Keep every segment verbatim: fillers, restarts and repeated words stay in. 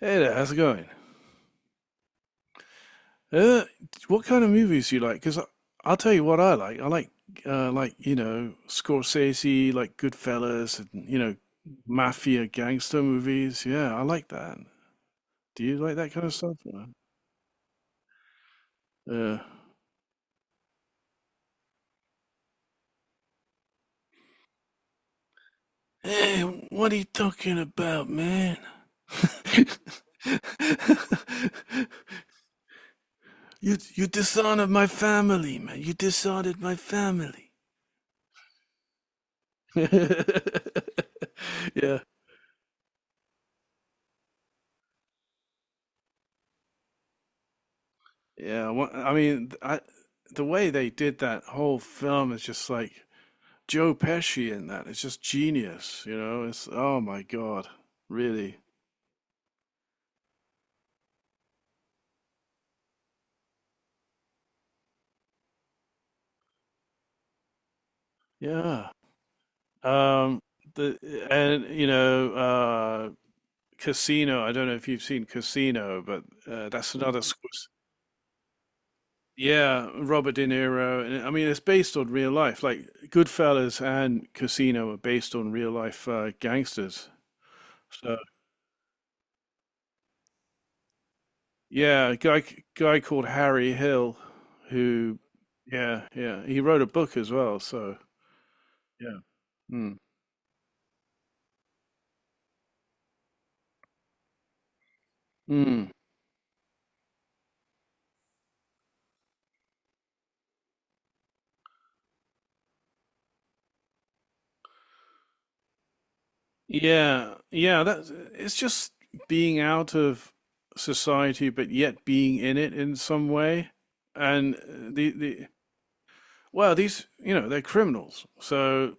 Hey there, how's it going? Uh, what kind of movies do you like? Because I'll tell you what I like. I like, uh, like you know, Scorsese, like Goodfellas, and you know, mafia gangster movies. Yeah, I like that. Do you like that kind of stuff? Uh, uh, Hey, what are you talking about, man? You you dishonored my family, man. You dishonored my family. Yeah. Yeah, wha- I mean, th- I, the way they did that whole film is just like Joe Pesci in that. It's just genius, you know. It's oh my God, really? Yeah. Um, the And you know, uh, Casino. I don't know if you've seen Casino, but uh, that's another. squ- Yeah, Robert De Niro. And I mean, it's based on real life. Like Goodfellas and Casino are based on real life uh, gangsters. So yeah, a guy guy called Harry Hill, who, yeah, yeah, he wrote a book as well. So yeah, mm. Mm. Yeah, yeah. That's it's just being out of society, but yet being in it in some way. And the the well, these you know they're criminals, so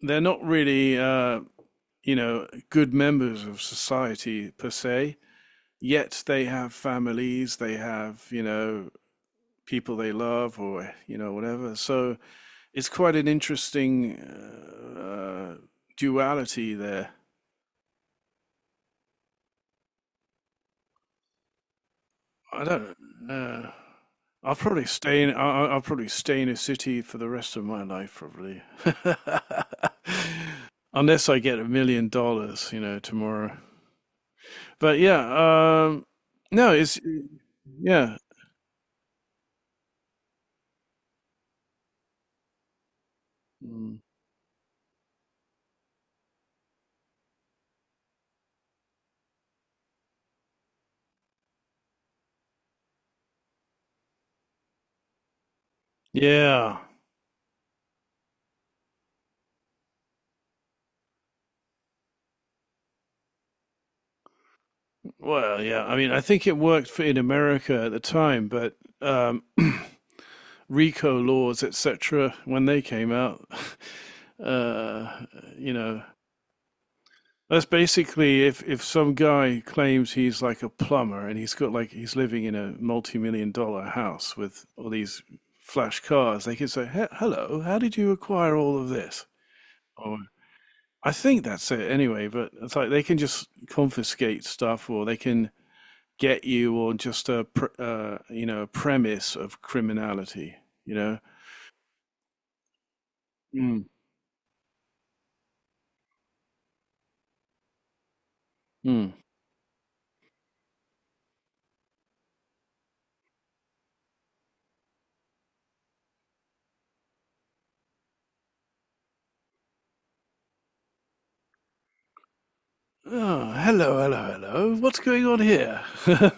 they're not really uh, you know good members of society per se. Yet they have families, they have you know people they love or you know whatever, so it's quite an interesting uh, duality there. I don't know I'll probably stay in I'll, I'll probably stay in a city for the rest of my life probably. Unless I get a million dollars you know tomorrow. But yeah, um no it's yeah. Mm. Yeah, well yeah, I mean I think it worked for in America at the time, but um RICO laws, et cetera, when they came out. Uh, you know, that's basically if, if some guy claims he's like a plumber and he's got like he's living in a multi million dollar house with all these flash cars, they can say, "He- Hello, how did you acquire all of this?" Or I think that's it anyway. But it's like they can just confiscate stuff, or they can get you on just a pr- uh, you know a premise of criminality. You know. Mm. Mm. Oh, hello, hello, hello. What's going on here?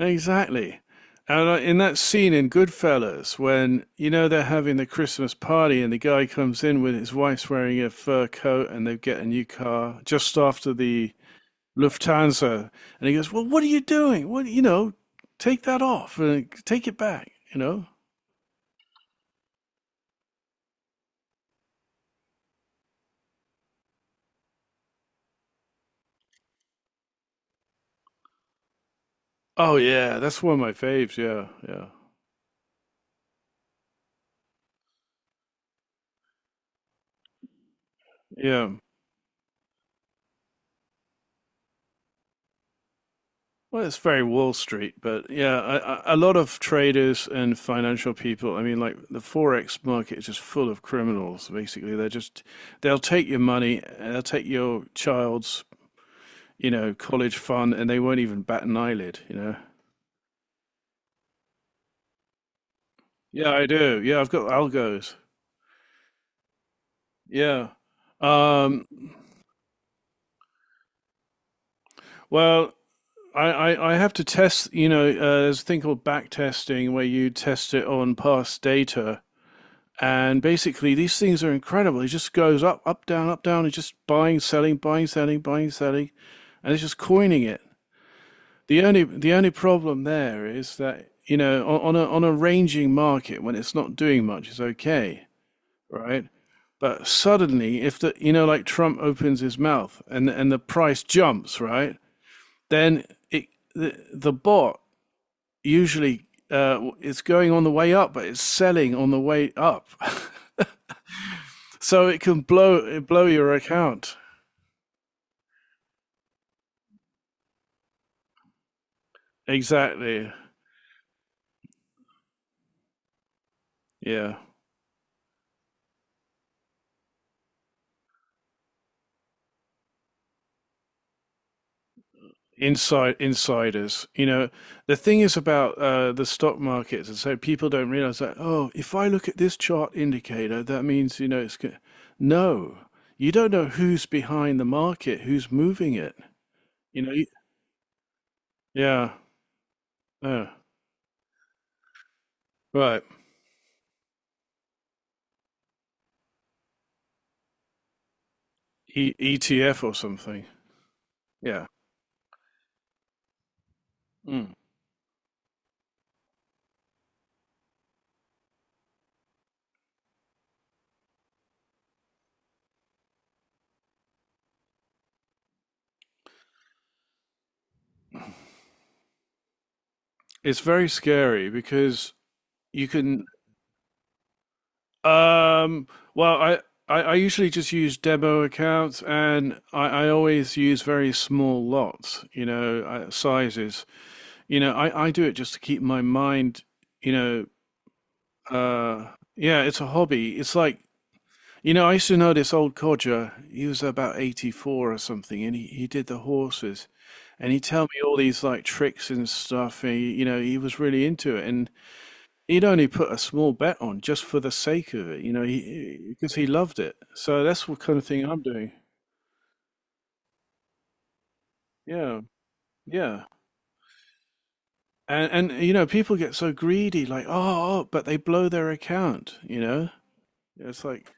Exactly. And uh, in that scene in Goodfellas, when you know they're having the Christmas party and the guy comes in with his wife's wearing a fur coat and they get a new car just after the Lufthansa, and he goes, "Well, what are you doing? What you know, take that off and take it back." You know? Oh yeah, that's one of my faves. Yeah, yeah, yeah. Well, it's very Wall Street, but yeah, I, I, a lot of traders and financial people. I mean, like the forex market is just full of criminals. Basically, they're just they'll take your money, and they'll take your child's you know college fund, and they won't even bat an eyelid. You know? Yeah, I do. Yeah, I've got algos. Yeah. Um, well, I, I, I have to test. You know, uh, there's a thing called back testing where you test it on past data. And basically, these things are incredible. It just goes up, up, down, up, down. It's just buying, selling, buying, selling, buying, selling, and it's just coining it. The only the only problem there is that you know on, on a on a ranging market when it's not doing much it's okay, right? But suddenly, if the you know like Trump opens his mouth and and the price jumps, right? Then it the the bot usually uh, it's going on the way up, but it's selling on the way up. So it can blow it blow your account. Exactly. Yeah. Inside insiders. You know, the thing is about uh, the stock markets, and so people don't realize that. Oh, if I look at this chart indicator, that means you know it's go-" no. You don't know who's behind the market, who's moving it. You know. you- Yeah. Oh, right. E E T F or something. Yeah. Mm. It's very scary because you can Um, well, I, I, I usually just use demo accounts and I, I always use very small lots, you know, uh, sizes. You know, I, I do it just to keep my mind, you know, uh, yeah, it's a hobby. It's like, you know, I used to know this old codger. He was about eighty-four or something and he, he did the horses. And he tell me all these like tricks and stuff. And he, you know, he was really into it. And he'd only put a small bet on just for the sake of it, you know, he because he loved it. So that's what kind of thing I'm doing. Yeah, yeah. And and you know, people get so greedy, like oh, oh, but they blow their account. You know, it's like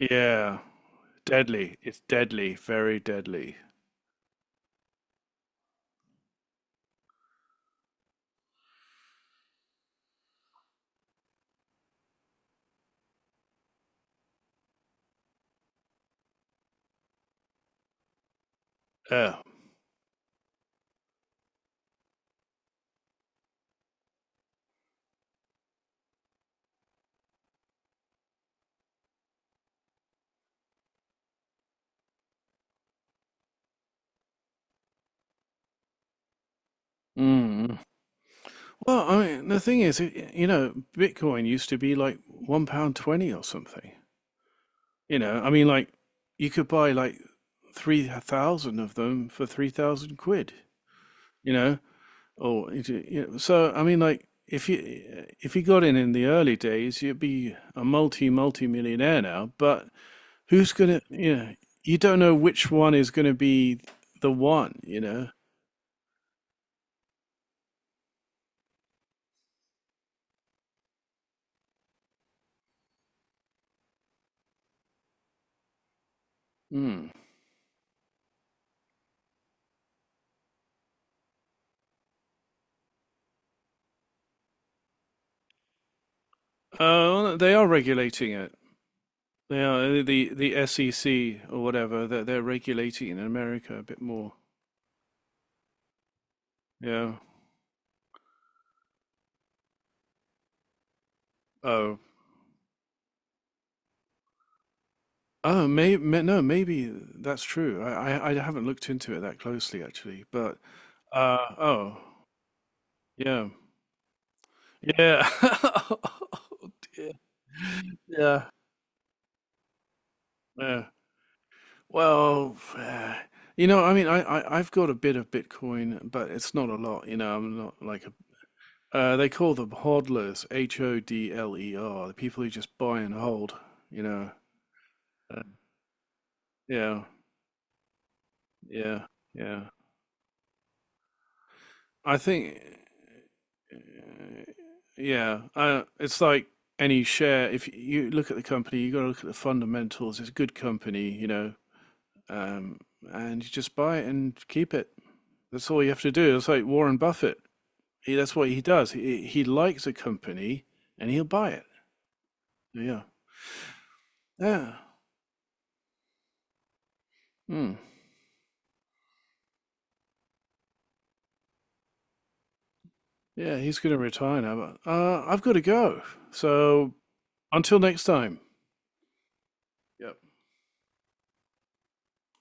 yeah, deadly. It's deadly, very deadly. Uh, mm. Well, I mean, the thing is, you know, Bitcoin used to be like one pound twenty or something. You know, I mean, like you could buy like three thousand of them for three thousand quid. You know, or it- you know, so I mean, like if you if you got in in the early days, you'd be a multi multi millionaire now. But who's gonna? You know, you don't know which one is gonna be the one. You know. Hmm. Uh, they are regulating it. They are the the S E C or whatever. They're, they're regulating in America a bit more. Yeah. Oh, Oh, may, may no, maybe that's true. I, I I haven't looked into it that closely actually, but uh oh yeah yeah oh dear yeah yeah. Well, eh, you know, I mean, I, I I've got a bit of Bitcoin, but it's not a lot. You know, I'm not like a uh, they call them hodlers, H O D L E R, the people who just buy and hold. You know, uh, yeah yeah yeah. I think, uh, yeah, uh, it's like any share. If you look at the company, you got to look at the fundamentals. It's a good company, you know, um, and you just buy it and keep it. That's all you have to do. It's like Warren Buffett. He, that's what he does. He he likes a company and he'll buy it. Yeah, yeah, Hmm. yeah. He's going to retire now, but uh, I've got to go. So until next time. Yep.